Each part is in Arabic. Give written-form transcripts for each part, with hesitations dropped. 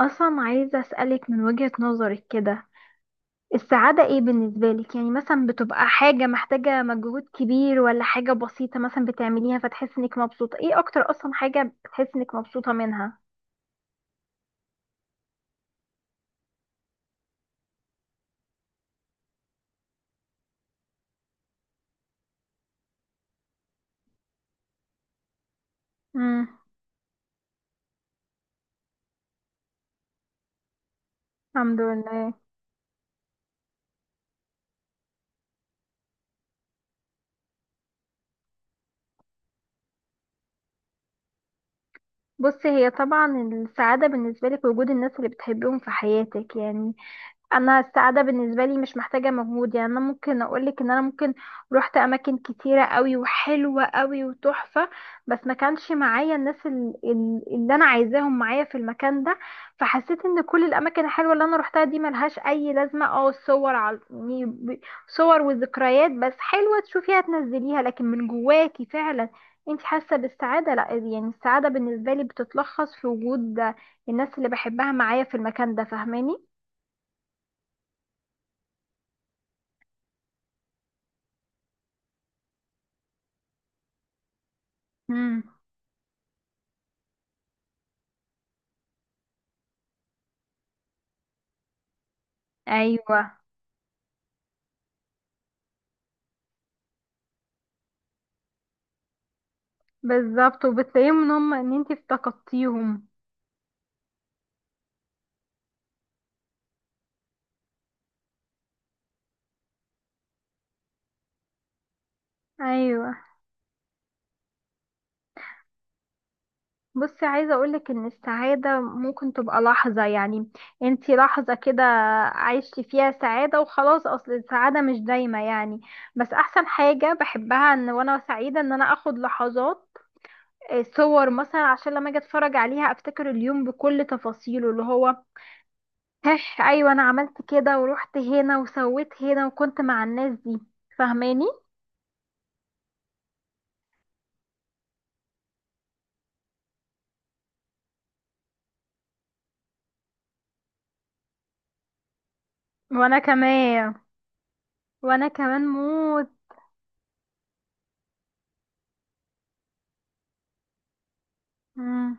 اصلا عايزه اسالك من وجهة نظرك كده، السعاده ايه بالنسبه لك؟ يعني مثلا بتبقى حاجه محتاجه مجهود كبير ولا حاجه بسيطه مثلا بتعمليها فتحس انك مبسوطه؟ ايه اكتر اصلا حاجه بتحس انك مبسوطه منها؟ امم. الحمد لله. بصي، هي طبعا السعاده بالنسبه لك وجود الناس اللي بتحبيهم في حياتك يعني. انا السعاده بالنسبه لي مش محتاجه مجهود، يعني انا ممكن اقولك ان انا ممكن روحت اماكن كتيره قوي وحلوه قوي وتحفه، بس ما كانش معايا الناس اللي انا عايزاهم معايا في المكان ده. فحسيت ان كل الاماكن الحلوه اللي انا روحتها دي ملهاش اي لازمه. اه، صور على يعني صور وذكريات بس، حلوه تشوفيها تنزليها، لكن من جواكي فعلا انت حاسه بالسعاده؟ لا. يعني السعاده بالنسبه لي بتتلخص في وجود الناس اللي بحبها معايا في المكان ده، فاهماني؟ مم. ايوه، بالظبط، وبتلاقيهم ان هم ان انتي افتقدتيهم. ايوه. بصي، عايزه اقولك ان السعاده ممكن تبقى لحظه يعني، انتي لحظه كده عايشتي فيها سعاده وخلاص، اصل السعاده مش دايمه يعني. بس احسن حاجه بحبها ان وانا سعيده ان انا اخد لحظات صور مثلا، عشان لما اجي اتفرج عليها افتكر اليوم بكل تفاصيله، اللي هو هح، ايوه انا عملت كده ورحت هنا وسويت هنا وكنت مع الناس دي، فاهماني؟ وانا كمان. وانا كمان موت. مم.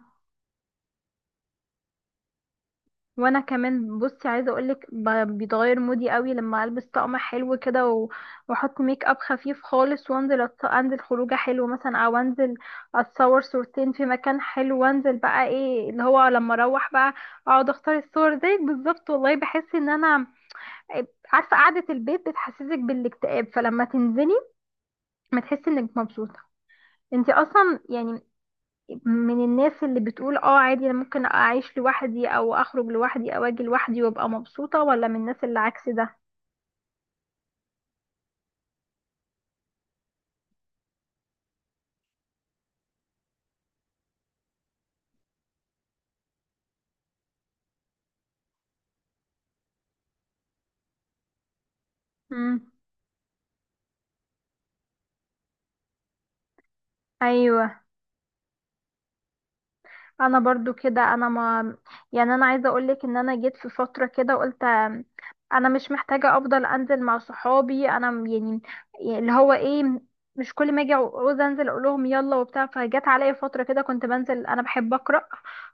وانا كمان. بصي، عايزه اقولك بيتغير مودي قوي لما البس طقم حلو كده واحط ميك اب خفيف خالص وانزل انزل خروجه حلو مثلا، او انزل اتصور صورتين في مكان حلو، وانزل بقى ايه اللي هو لما اروح بقى اقعد اختار الصور زيك بالظبط والله، بحس ان انا، عارفه قعده البيت بتحسسك بالاكتئاب، فلما تنزلي ما تحسي انك مبسوطه. انتي اصلا يعني من الناس اللي بتقول اه، عادي انا ممكن اعيش لوحدي او اخرج لوحدي او اجي لوحدي وابقى مبسوطة، ولا من الناس اللي عكس ده؟ مم. ايوه، انا برضو كده. انا، ما يعني، انا عايزه اقولك ان انا جيت في فتره كده قلت انا مش محتاجه افضل انزل مع صحابي. انا يعني اللي هو ايه، مش كل ما اجي عاوز انزل اقول لهم يلا وبتاع. فجت عليا فتره كده كنت بنزل، انا بحب اقرا،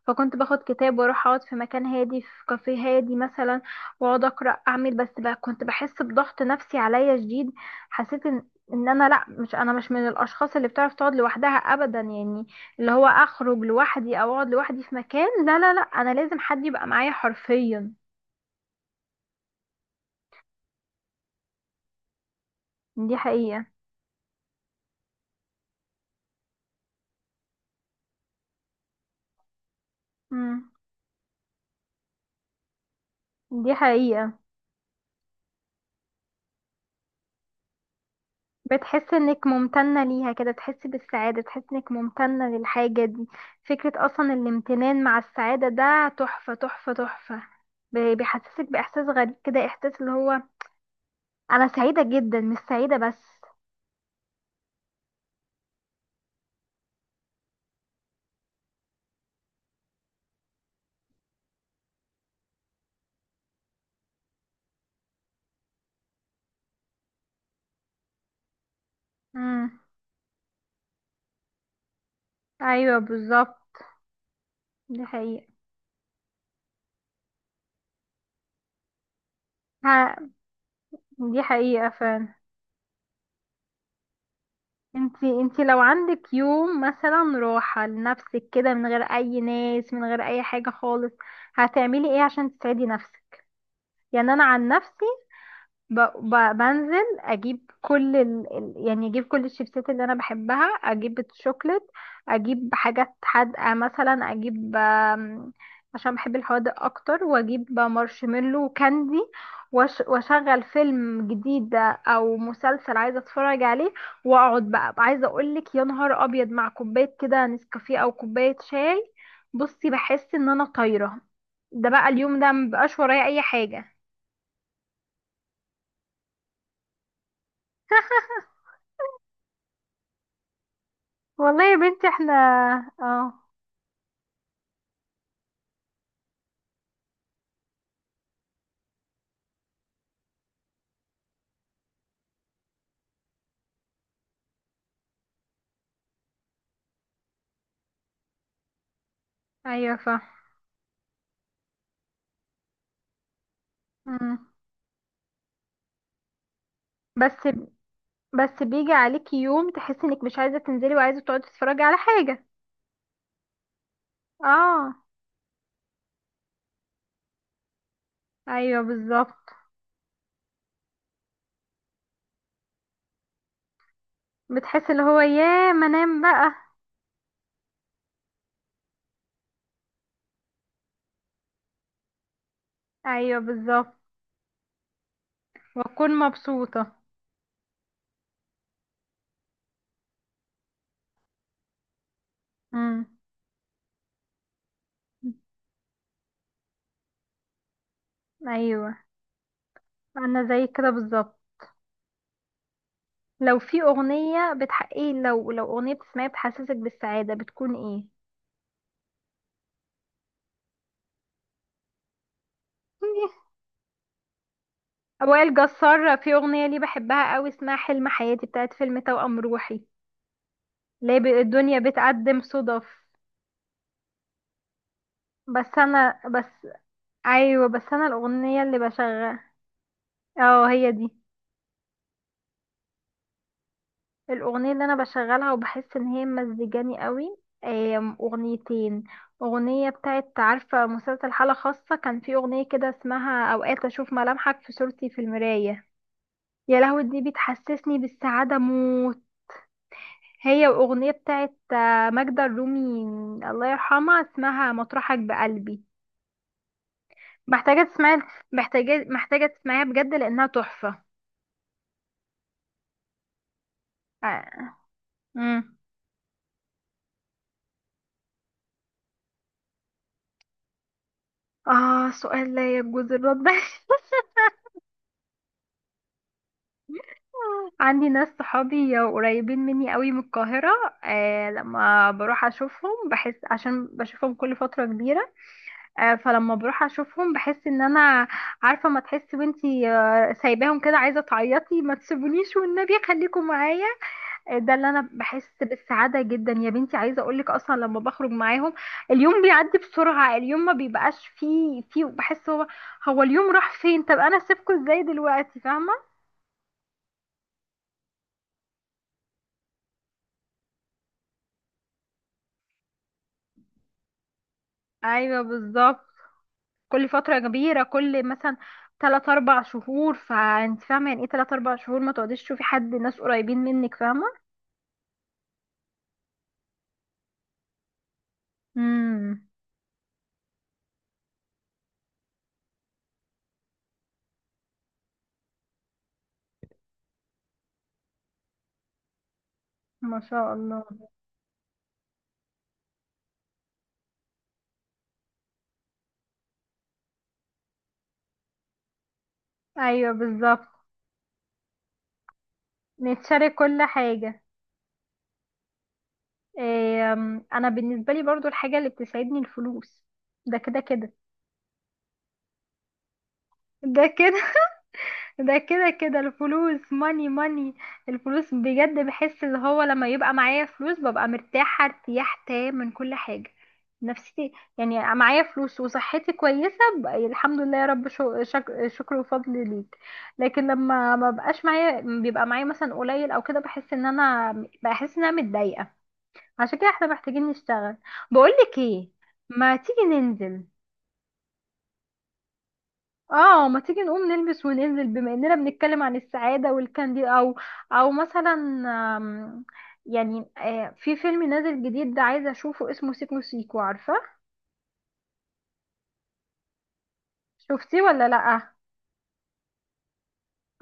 فكنت باخد كتاب واروح اقعد في مكان هادي، في كافيه هادي مثلا، واقعد اقرا اعمل. بس بقى كنت بحس بضغط نفسي عليا شديد، حسيت ان انا لا، مش انا، مش من الاشخاص اللي بتعرف تقعد لوحدها ابدا يعني، اللي هو اخرج لوحدي او اقعد لوحدي في مكان، لا لا لا، انا لازم حد يبقى معايا حرفيا. دي حقيقة. امم، دي حقيقة. بتحس انك ممتنة ليها كده، تحس بالسعادة، تحس انك ممتنة للحاجة دي. فكرة اصلا الامتنان مع السعادة ده تحفة تحفة تحفة. بيحسسك باحساس غريب كده، احساس اللي هو انا سعيدة جدا، مش سعيدة بس. امم. ايوه، بالظبط، دي حقيقة. ها، دي حقيقة فعلا. انتي لو عندك يوم مثلا راحة لنفسك كده، من غير اي ناس، من غير اي حاجة خالص، هتعملي ايه عشان تسعدي نفسك؟ يعني انا عن نفسي، بنزل اجيب كل يعني، اجيب كل الشيبسات اللي انا بحبها، اجيب الشوكليت، اجيب حاجات حادقه، مثلا اجيب عشان بحب الحوادق اكتر، واجيب مارشميلو وكاندي، واشغل فيلم جديد او مسلسل عايزه اتفرج عليه، واقعد بقى، عايزه اقولك يا نهار ابيض، مع كوبايه كده نسكافيه او كوبايه شاي، بصي بحس ان انا طايره. ده بقى اليوم ده مبقاش ورايا اي حاجه. والله يا بنتي، احنا. اه. ايوه، صح. مم. بس، بس بيجي عليكي يوم تحسي انك مش عايزه تنزلي وعايزه تقعدي تتفرجي على حاجه؟ اه، ايوه، بالظبط. بتحسي اللي هو ياه، ما انام بقى. ايوه، بالظبط، واكون مبسوطه. امم. ايوه، انا زي كده بالظبط. لو في اغنيه بتحقق، لو اغنيه بتسمعيها بتحسسك بالسعاده، بتكون ايه؟ وائل جسار في اغنيه ليه بحبها قوي، اسمها حلم حياتي، بتاعت فيلم توأم روحي. ليه الدنيا بتقدم صدف. بس انا بس، ايوه بس انا الاغنيه اللي بشغل، اه، هي دي الاغنيه اللي انا بشغلها وبحس ان هي مزجاني قوي. اغنيتين. اغنيه بتاعت، عارفه مسلسل حاله خاصه، كان في اغنيه كده اسمها اوقات اشوف ملامحك في صورتي في المرايه، يا لهوي، دي بتحسسني بالسعاده موت. هي، واغنيه بتاعت ماجدة الرومي، الله يرحمها، اسمها مطرحك بقلبي. محتاجة تسمعي. محتاجة تسمعيها بجد لأنها تحفة. آه. مم. آه، سؤال لا يجوز الرد. عندي ناس صحابي قريبين مني قوي من القاهرة، آه لما بروح أشوفهم بحس، عشان بشوفهم كل فترة كبيرة. آه، فلما بروح أشوفهم بحس إن أنا، عارفة، ما تحسي وانتي سايباهم كده عايزة تعيطي، ما تسيبونيش والنبي، خليكم معايا. ده اللي انا بحس بالسعاده جدا. يا بنتي، عايزه اقولك اصلا لما بخرج معاهم، اليوم بيعدي بسرعه، اليوم ما بيبقاش فيه. بحس هو اليوم راح فين، طب انا سيبكم ازاي دلوقتي؟ فاهمه؟ ايوه بالظبط. كل فتره كبيره، كل مثلا 3 4 شهور، فانت فاهمه يعني ايه 3 4 شهور ما تقعديش تشوفي حد ناس قريبين منك؟ فاهمه؟ امم. ما شاء الله. ايوه بالظبط، نتشارك كل حاجه. انا بالنسبه لي برضو الحاجه اللي بتسعدني الفلوس، ده كده كده. ده كده. ده كده كده الفلوس، ماني ماني. الفلوس بجد، بحس اللي هو لما يبقى معايا فلوس ببقى مرتاحه ارتياح تام من كل حاجه. نفسيتي يعني، أبقى معايا فلوس وصحتي كويسه بقى، الحمد لله يا رب، شكر وفضل ليك. لكن لما ما بقاش معايا، بيبقى معايا مثلا قليل او كده، بحس ان انا متضايقه. عشان كده احنا محتاجين نشتغل. بقولك ايه، ما تيجي ننزل. اه، ما تيجي نقوم نلبس وننزل بما اننا بنتكلم عن السعادة والكاندي، او مثلا آم، يعني في فيلم نازل جديد، ده عايزة اشوفه، اسمه سيكو سيكو، عارفة؟ شفتيه ولا لأ؟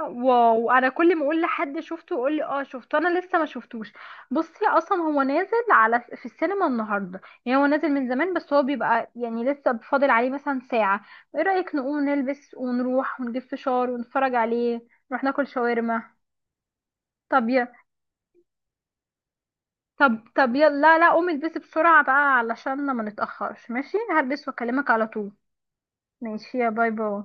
واو، انا كل ما اقول لحد شفته يقول لي اه شفته، انا لسه ما شفتوش. بصي، اصلا هو نازل على في السينما النهارده، يعني هو نازل من زمان بس، هو بيبقى يعني لسه فاضل عليه مثلا ساعه. ايه رايك نقوم نلبس ونروح ونجيب فشار ونتفرج عليه، نروح ناكل شاورما؟ طب ي... طب يلا، لا لا، قومي البسي بسرعه بقى علشان ما نتاخرش. ماشي، هلبس واكلمك على طول. ماشي، يا باي باي.